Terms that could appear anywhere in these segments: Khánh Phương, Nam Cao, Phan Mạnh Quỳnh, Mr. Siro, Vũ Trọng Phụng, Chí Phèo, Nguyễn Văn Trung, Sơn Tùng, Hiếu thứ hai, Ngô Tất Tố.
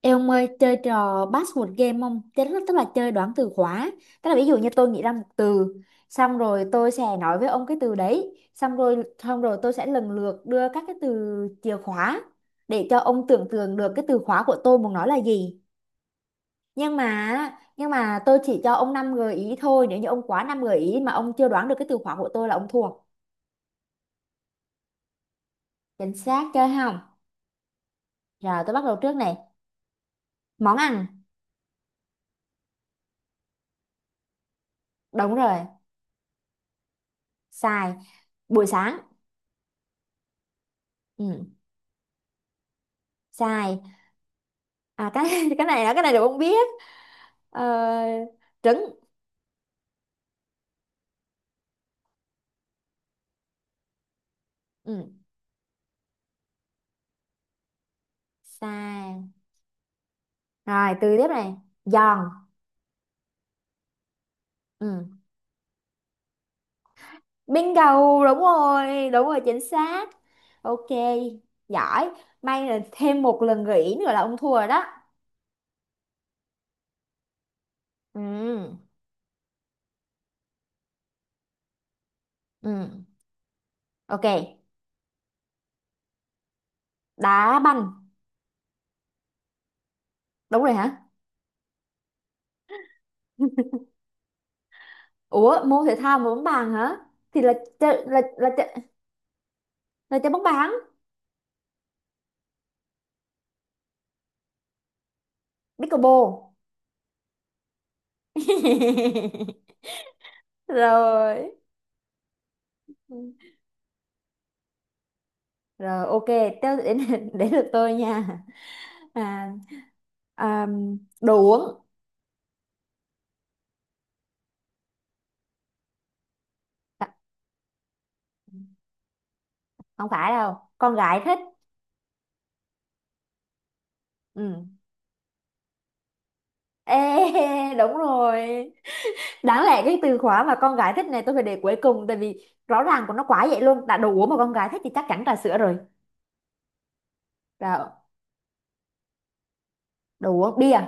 Ê ông ơi, chơi trò password game không? Tức là chơi đoán từ khóa. Tức là ví dụ như tôi nghĩ ra một từ, xong rồi tôi sẽ nói với ông cái từ đấy, xong rồi tôi sẽ lần lượt đưa các cái từ chìa khóa để cho ông tưởng tượng được cái từ khóa của tôi muốn nói là gì. Nhưng mà tôi chỉ cho ông 5 gợi ý thôi, nếu như ông quá 5 gợi ý mà ông chưa đoán được cái từ khóa của tôi là ông thua. Chính xác, chơi không? Rồi tôi bắt đầu trước này. Món ăn. Đúng rồi. Sai. Buổi sáng. Ừ. Sai. Cái cái này là không biết. ờ, Trứng. Ừ. Sai. Rồi từ tiếp này. Giòn. Ừ. Bingo, đúng rồi, đúng rồi, chính xác. OK, giỏi. May là thêm một lần gợi ý nữa là ông thua rồi đó. Ừ. Ừ. OK. Đá banh. Đúng rồi hả? Ủa, môn thể thao mà bóng bàn hả? Thì là chơi là chơi bóng bàn. Pickleball. Rồi. Rồi OK, tới đến. Đến được tôi nha. À, à, Đồ uống. À, không phải đâu, con gái thích. Ừ. Ê, đúng rồi. Đáng lẽ cái từ khóa mà con gái thích này tôi phải để cuối cùng tại vì rõ ràng của nó quá vậy luôn. Đã đồ uống mà con gái thích thì chắc chắn trà sữa rồi. Rồi, đồ uống bia.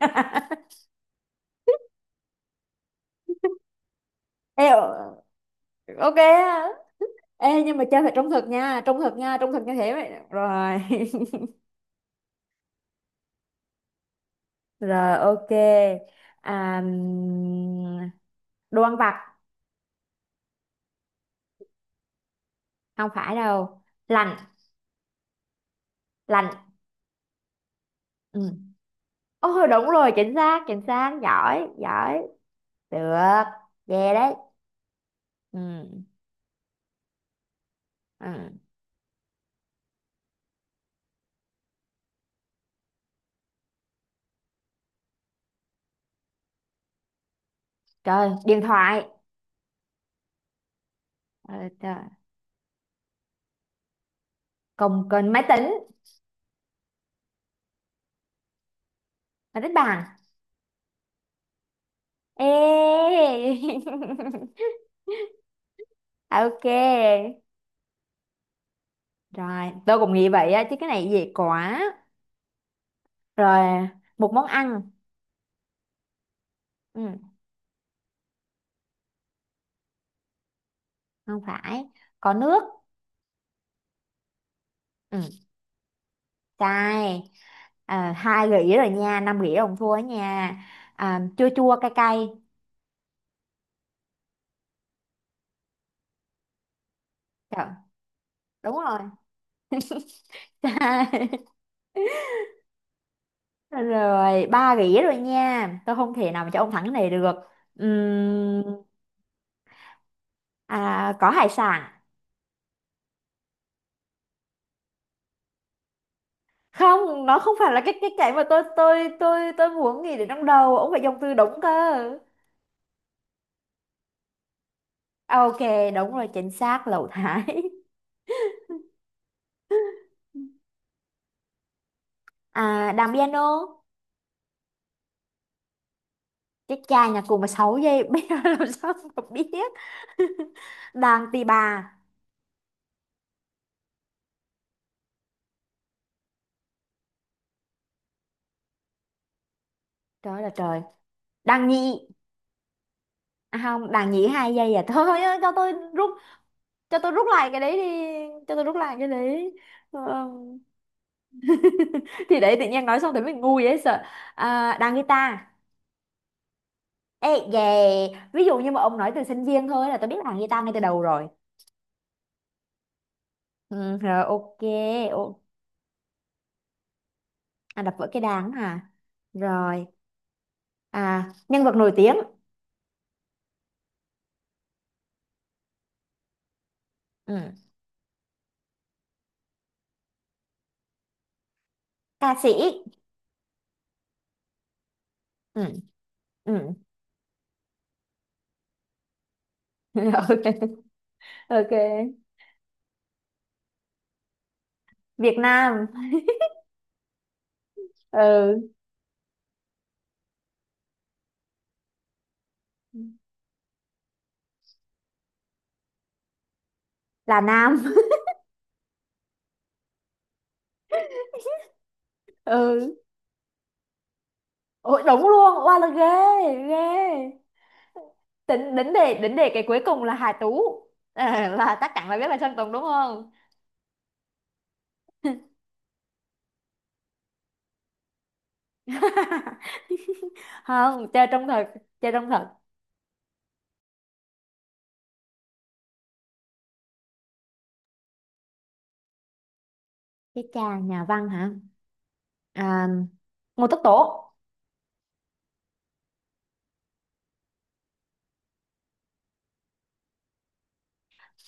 Ê, OK. Á. Ê, nhưng mà chơi phải trung thực nha, trung thực nha, trung thực như thế vậy. Rồi. Rồi OK. À, đồ ăn vặt. Không phải đâu. Lành. Lành. Ừ. Ôi đúng rồi, chính xác, chính xác, giỏi, giỏi. Được. Về đấy. Ừ. Ừ. Trời, điện thoại. Ờ, trời. Còn còn máy tính. Máy tính bàn. Ê. OK. Rồi tôi cũng nghĩ vậy á chứ cái này dễ quá. Rồi, một món ăn. Ừ. Không phải. Có nước. Ừ. Cay. À, hai gỉ rồi nha, năm gỉ ông thua nha. À, chua chua cay cay. Trời, đúng rồi. Cay. Rồi ba gỉ rồi nha, tôi không thể nào mà cho ông thắng cái này được. Ừm, có hải sản. Không, nó không phải là cái cái mà tôi muốn nghĩ đến trong đầu, ông phải dùng từ đúng cơ. OK, đúng rồi, chính xác, lẩu thái. À, đàn piano. Cái cha nhà cùng mà 6 giây. Bây giờ làm sao mà biết. Đàn tì bà. Trời ơi là trời. Đàn nhị. À không, đàn nhị hai giây. À thôi ơi, cho tôi rút. Cho tôi rút lại cái đấy đi. Cho tôi rút lại cái đấy. Ờ, thì để tự nhiên nói xong thì mình ngu vậy sợ. À, đàn guitar. Ê về. Ví dụ như mà ông nói từ sinh viên thôi là tôi biết đàn guitar ngay từ đầu rồi. Ừ, rồi OK. Ô, à, đập vỡ cái đàn hả? Rồi. À, nhân vật nổi tiếng. Ừ. Ca sĩ. Ừ. Ừ. OK. OK. Việt Nam. Ừ. Là Nam. Ừ. Ôi, đúng luôn. Wow, là ghê, ghê. Tính đến đề cái cuối cùng là Hà Tú. À, là chắc chắn là biết là Sơn Tùng đúng không? Không, chơi trong thật. Chơi trong thật. Cái cha nhà văn hả? À, Ngô Tất Tố.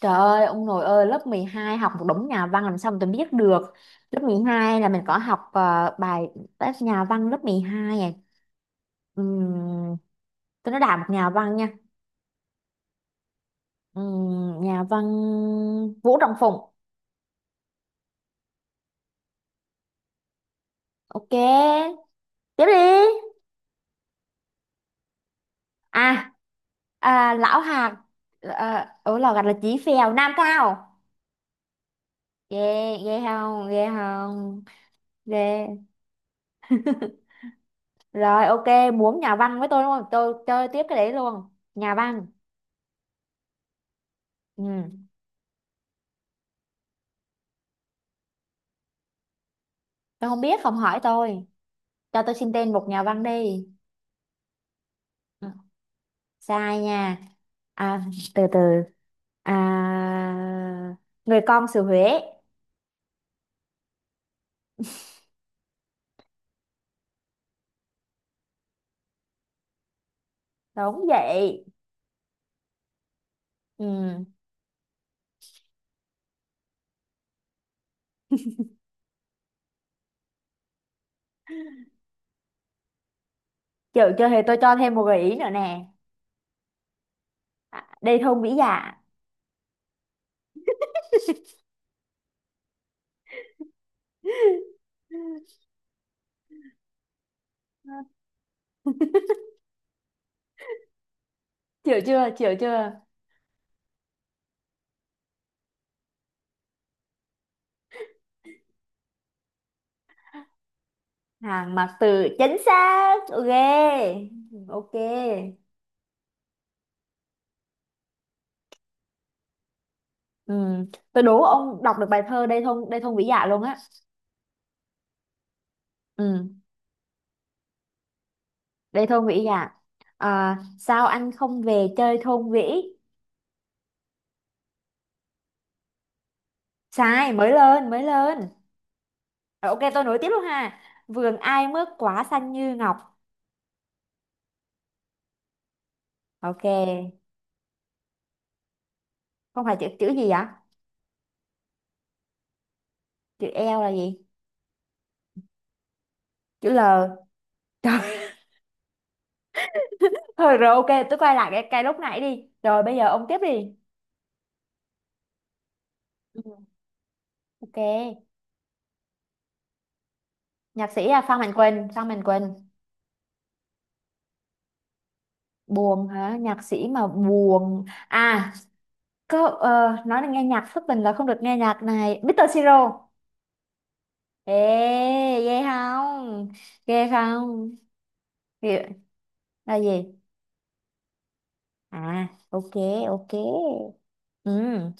Trời ơi, ông nội ơi, lớp 12 học một đống nhà văn làm sao mà tôi biết được. Lớp 12 là mình có học bài test nhà văn lớp 12 này. Ừm, tôi nói đại một nhà văn nha. Nhà văn Vũ Trọng Phụng. OK, tiếp đi. À, à, Lão Hạt. À, ở Lò Gạch là Chí Phèo, Nam Cao. Ghê, ghê không, ghê không, ghê. Rồi, OK, muốn nhà văn với tôi đúng không? Tôi chơi tiếp cái đấy luôn. Nhà văn. Ừ. Tôi không biết, không hỏi tôi. Cho tôi xin tên một nhà văn đi. Ừ, sai nha. À, từ từ. À, người con xứ Huế. Đúng vậy. Ừ. Chịu chưa thì tôi cho thêm một gợi ý nữa nè. Đây thôn Vĩ Dạ. Chịu chưa, chịu chưa. Hàng mặc từ, chính xác. OK. OK. Ừ. Tôi đố ông đọc được bài thơ Đây thôn Vĩ Dạ luôn á. Ừ. Đây thôn Vĩ à? À sao anh không về chơi thôn Vĩ? Sai, mới lên, mới lên. Rồi, OK, tôi nối tiếp luôn ha. Vườn ai mướt quả xanh như ngọc. OK, không phải chữ chữ gì vậy? Chữ L là gì? Chữ L. Trời. Thôi rồi OK, tôi quay lại cái lúc nãy đi. Rồi bây giờ ông tiếp đi. Ừ. OK, nhạc sĩ là Phan Mạnh Quỳnh, Phan Mạnh Quỳnh. Buồn hả? Nhạc sĩ mà buồn. À, có nói là nghe nhạc thất tình là không được nghe nhạc này. Mr. Siro. Ê, ghê không? Ghê không? Ghê- Là gì? À, OK, OK. Ừ.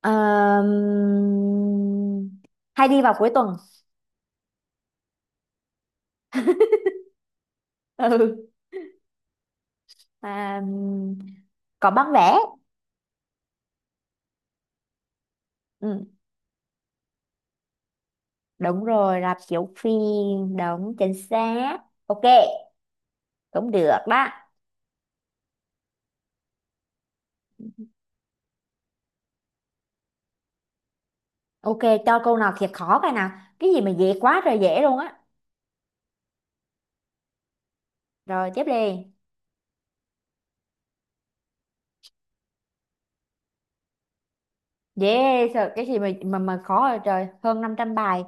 Ờm, hay đi vào cuối tuần. Ừ. À, có bán vé. Ừ. Đúng rồi, rạp chiếu phim. Đúng, chính xác. OK, cũng được đó. OK, cho câu nào thiệt khó coi nào. Cái gì mà dễ quá rồi dễ luôn á. Rồi, tiếp đi. Dễ sợ cái gì mà mà khó rồi, trời, hơn 500 bài.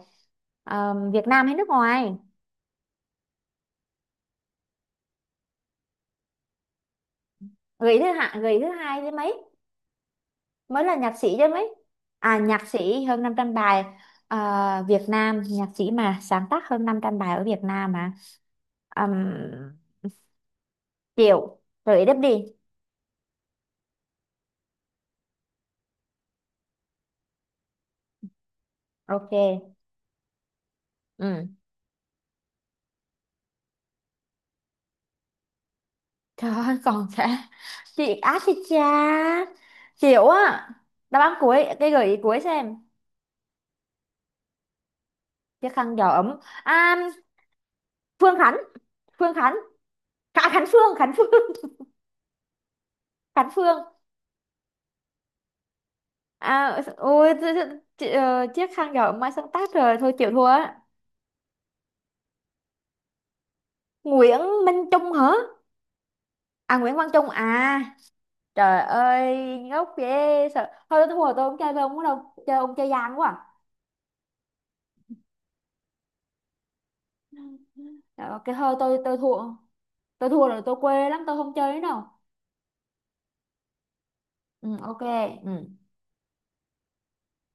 Ờ, Việt Nam hay nước ngoài? Người thứ hạng, người thứ hai chứ mấy. Mới là nhạc sĩ chứ mấy. À, nhạc sĩ hơn 500 bài. Ờ, Việt Nam, nhạc sĩ mà sáng tác hơn 500 bài ở Việt Nam mà. Um, chịu. Rồi đáp đi. OK. Ừ. Trời ơi, còn sẽ. Chị á thì cha. Chịu á. Đáp án cuối, cái gợi ý cuối xem. Chiếc khăn gió ấm. À, Phương Khánh Phương Khánh. À, Khánh Phương. Khánh Phương. À ôi chiếc khăn gọi mai sáng tác rồi thôi chịu thua á. Nguyễn Minh Trung hả? À Nguyễn Văn Trung à. Trời ơi ngốc ghê sợ, thôi tôi thua, tôi không chơi với ông nữa đâu, chơi ông chơi gian quá à. Cái OK thôi, tôi thua. Tôi thua rồi, tôi quê lắm, tôi không chơi nữa đâu. Ừ, OK. Ừ.